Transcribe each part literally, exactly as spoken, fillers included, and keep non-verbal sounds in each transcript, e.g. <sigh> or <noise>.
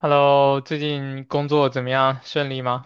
Hello，最近工作怎么样？顺利吗？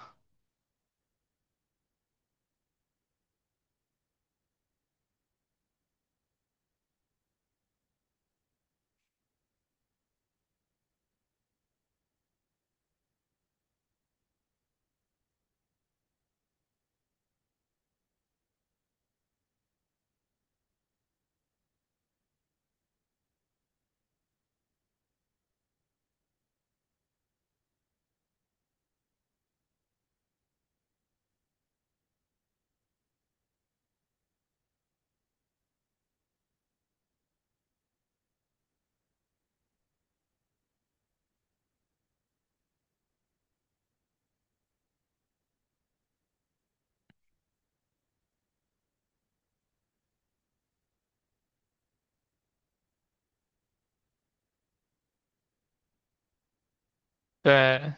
对，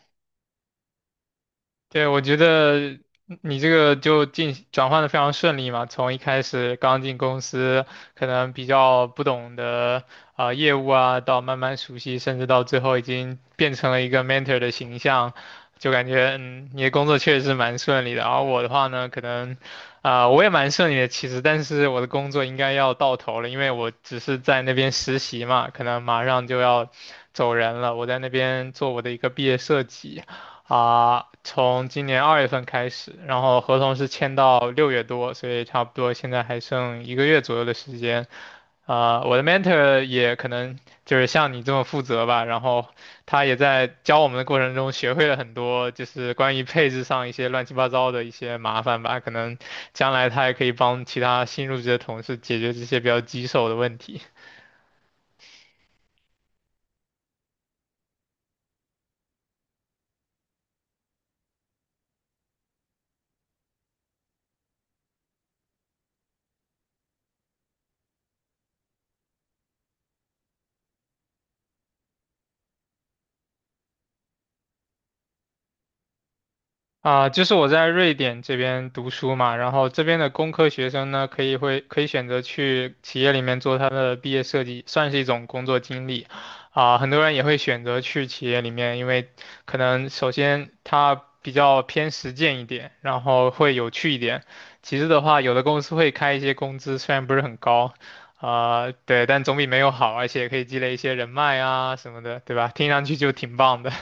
对，我觉得你这个就进转换的非常顺利嘛，从一开始刚进公司，可能比较不懂的啊、呃业务啊，到慢慢熟悉，甚至到最后已经变成了一个 mentor 的形象，就感觉嗯，你的工作确实是蛮顺利的。而我的话呢，可能啊、我也蛮顺利的其实，但是我的工作应该要到头了，因为我只是在那边实习嘛，可能马上就要走人了，我在那边做我的一个毕业设计。啊，从今年二月份开始，然后合同是签到六月多，所以差不多现在还剩一个月左右的时间。啊、我的 mentor 也可能就是像你这么负责吧，然后他也在教我们的过程中学会了很多，就是关于配置上一些乱七八糟的一些麻烦吧，可能将来他也可以帮其他新入职的同事解决这些比较棘手的问题。啊，就是我在瑞典这边读书嘛，然后这边的工科学生呢，可以会可以选择去企业里面做他的毕业设计，算是一种工作经历。啊，很多人也会选择去企业里面，因为可能首先它比较偏实践一点，然后会有趣一点。其次的话，有的公司会开一些工资，虽然不是很高，啊，对，但总比没有好，而且可以积累一些人脉啊什么的，对吧？听上去就挺棒的。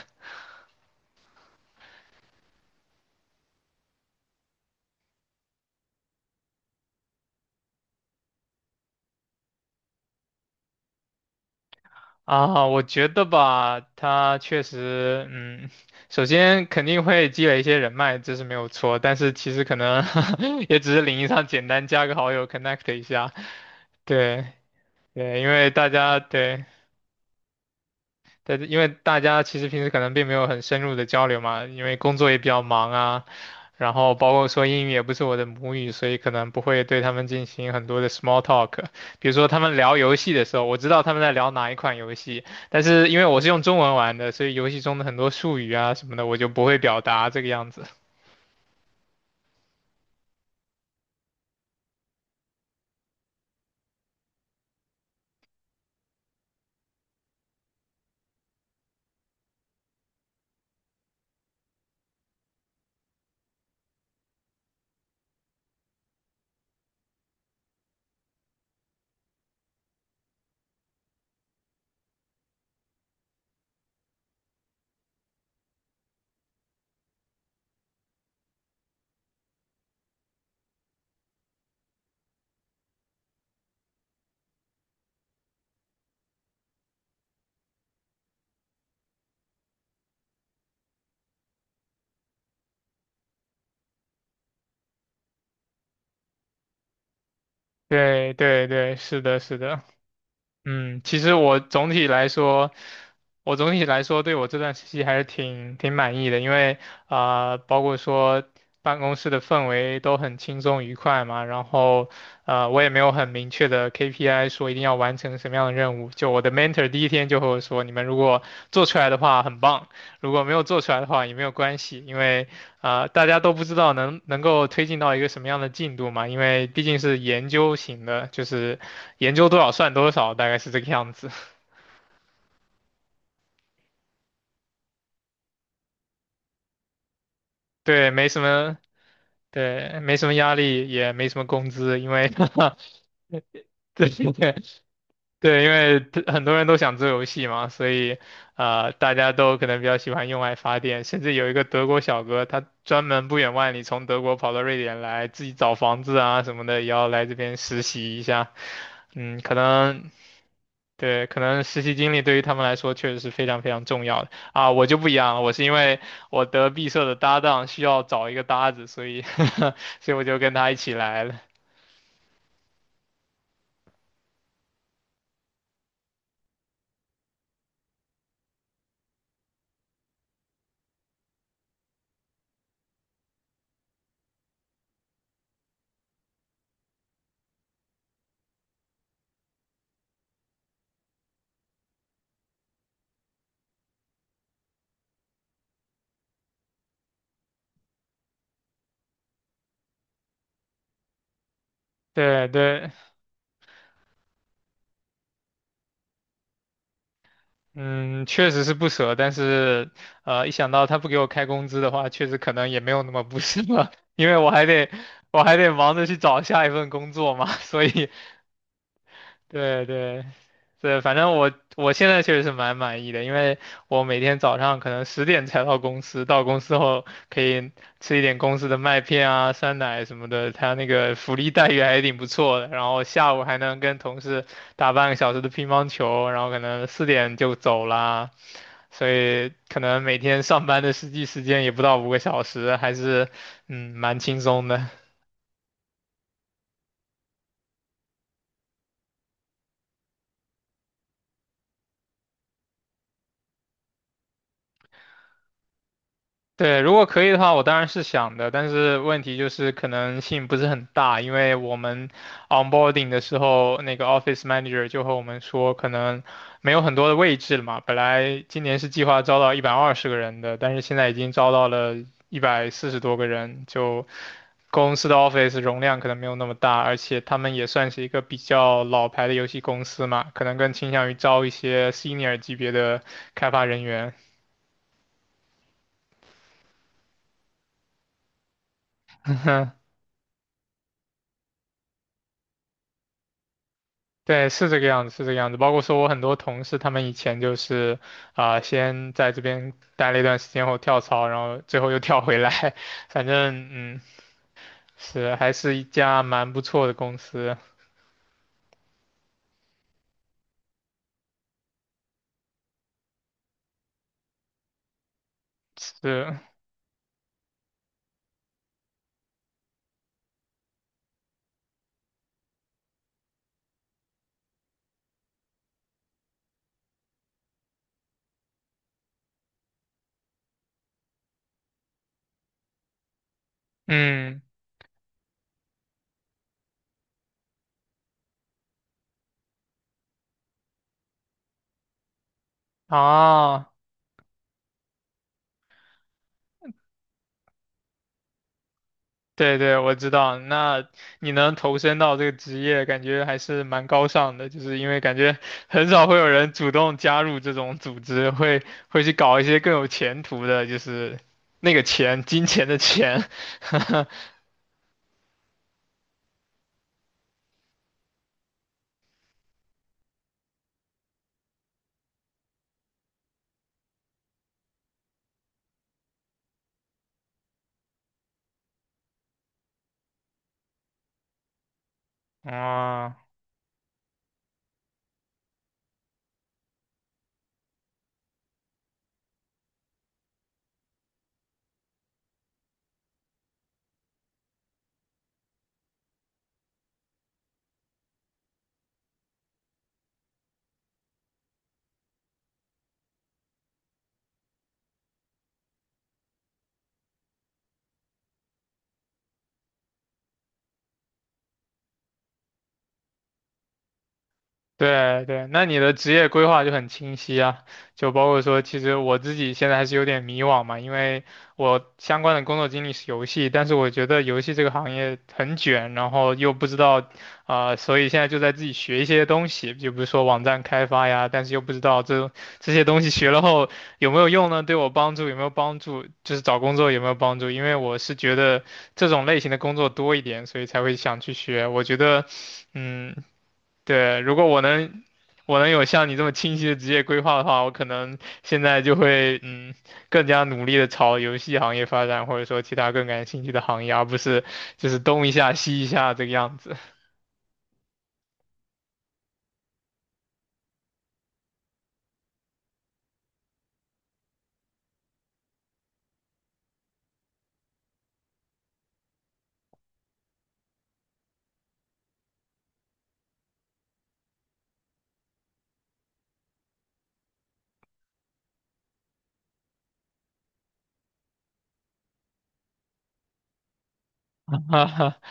啊，我觉得吧，他确实，嗯，首先肯定会积累一些人脉，这是没有错。但是其实可能 <laughs> 也只是领域上简单加个好友，connect 一下。对对，因为大家对，但是因为大家其实平时可能并没有很深入的交流嘛，因为工作也比较忙啊，然后包括说英语也不是我的母语，所以可能不会对他们进行很多的 small talk。比如说他们聊游戏的时候，我知道他们在聊哪一款游戏，但是因为我是用中文玩的，所以游戏中的很多术语啊什么的，我就不会表达这个样子。<laughs> 对对对，是的，是的。嗯，其实我总体来说，我总体来说对我这段实习还是挺挺满意的，因为啊、呃包括说办公室的氛围都很轻松愉快嘛，然后呃，我也没有很明确的 K P I 说一定要完成什么样的任务，就我的 mentor 第一天就和我说，你们如果做出来的话很棒，如果没有做出来的话也没有关系，因为啊、大家都不知道能能够推进到一个什么样的进度嘛，因为毕竟是研究型的，就是研究多少算多少，大概是这个样子。<laughs> 对，没什么，对，没什么压力，也没什么工资，因为 <laughs> 对对对，因为很多人都想做游戏嘛，所以呃，大家都可能比较喜欢用爱发电，甚至有一个德国小哥，他专门不远万里从德国跑到瑞典来，自己找房子啊什么的，也要来这边实习一下。嗯，可能对，可能实习经历对于他们来说确实是非常非常重要的啊！我就不一样了，我是因为我得毕设的搭档需要找一个搭子，所以 <laughs> 所以我就跟他一起来了。对对，嗯，确实是不舍，但是呃，一想到他不给我开工资的话，确实可能也没有那么不舍了，<laughs> 因为我还得我还得忙着去找下一份工作嘛，<laughs> 所以对对对，反正我我现在确实是蛮满意的，因为我每天早上可能十点才到公司，到公司后可以吃一点公司的麦片啊、酸奶什么的，他那个福利待遇还挺不错的。然后下午还能跟同事打半个小时的乒乓球，然后可能四点就走啦，所以可能每天上班的实际时间也不到五个小时，还是嗯蛮轻松的。对，如果可以的话，我当然是想的，但是问题就是可能性不是很大，因为我们 onboarding 的时候，那个 office manager 就和我们说，可能没有很多的位置了嘛。本来今年是计划招到一百二十个人的，但是现在已经招到了一百四十多个人，就公司的 office 容量可能没有那么大，而且他们也算是一个比较老牌的游戏公司嘛，可能更倾向于招一些 senior 级别的开发人员。对，是这个样子，是这个样子。包括说我很多同事，他们以前就是啊、先在这边待了一段时间后跳槽，然后最后又跳回来。<laughs> 反正嗯，是还是一家蛮不错的公司。是，嗯，啊，对对，我知道。那你能投身到这个职业，感觉还是蛮高尚的，就是因为感觉 <laughs> 很少会有人主动加入这种组织，会会去搞一些更有前途的，就是那个钱，金钱的钱。<laughs> 啊对对，那你的职业规划就很清晰啊，就包括说，其实我自己现在还是有点迷惘嘛，因为我相关的工作经历是游戏，但是我觉得游戏这个行业很卷，然后又不知道，啊、所以现在就在自己学一些东西，就比如说网站开发呀，但是又不知道这这些东西学了后有没有用呢？对我帮助有没有帮助？就是找工作有没有帮助？因为我是觉得这种类型的工作多一点，所以才会想去学。我觉得，嗯。对，如果我能，我能有像你这么清晰的职业规划的话，我可能现在就会嗯更加努力的朝游戏行业发展，或者说其他更感兴趣的行业，而不是就是东一下西一下这个样子。<laughs> 哈哈，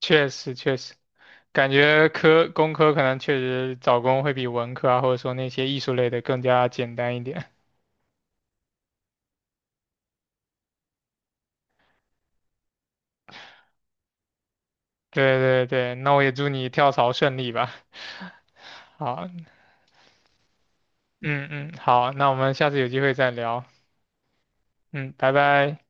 确实确实，感觉科工科可能确实找工会比文科啊，或者说那些艺术类的更加简单一点。<laughs> 对对对，那我也祝你跳槽顺利吧。<laughs> 好，嗯嗯，好，那我们下次有机会再聊。嗯，拜拜。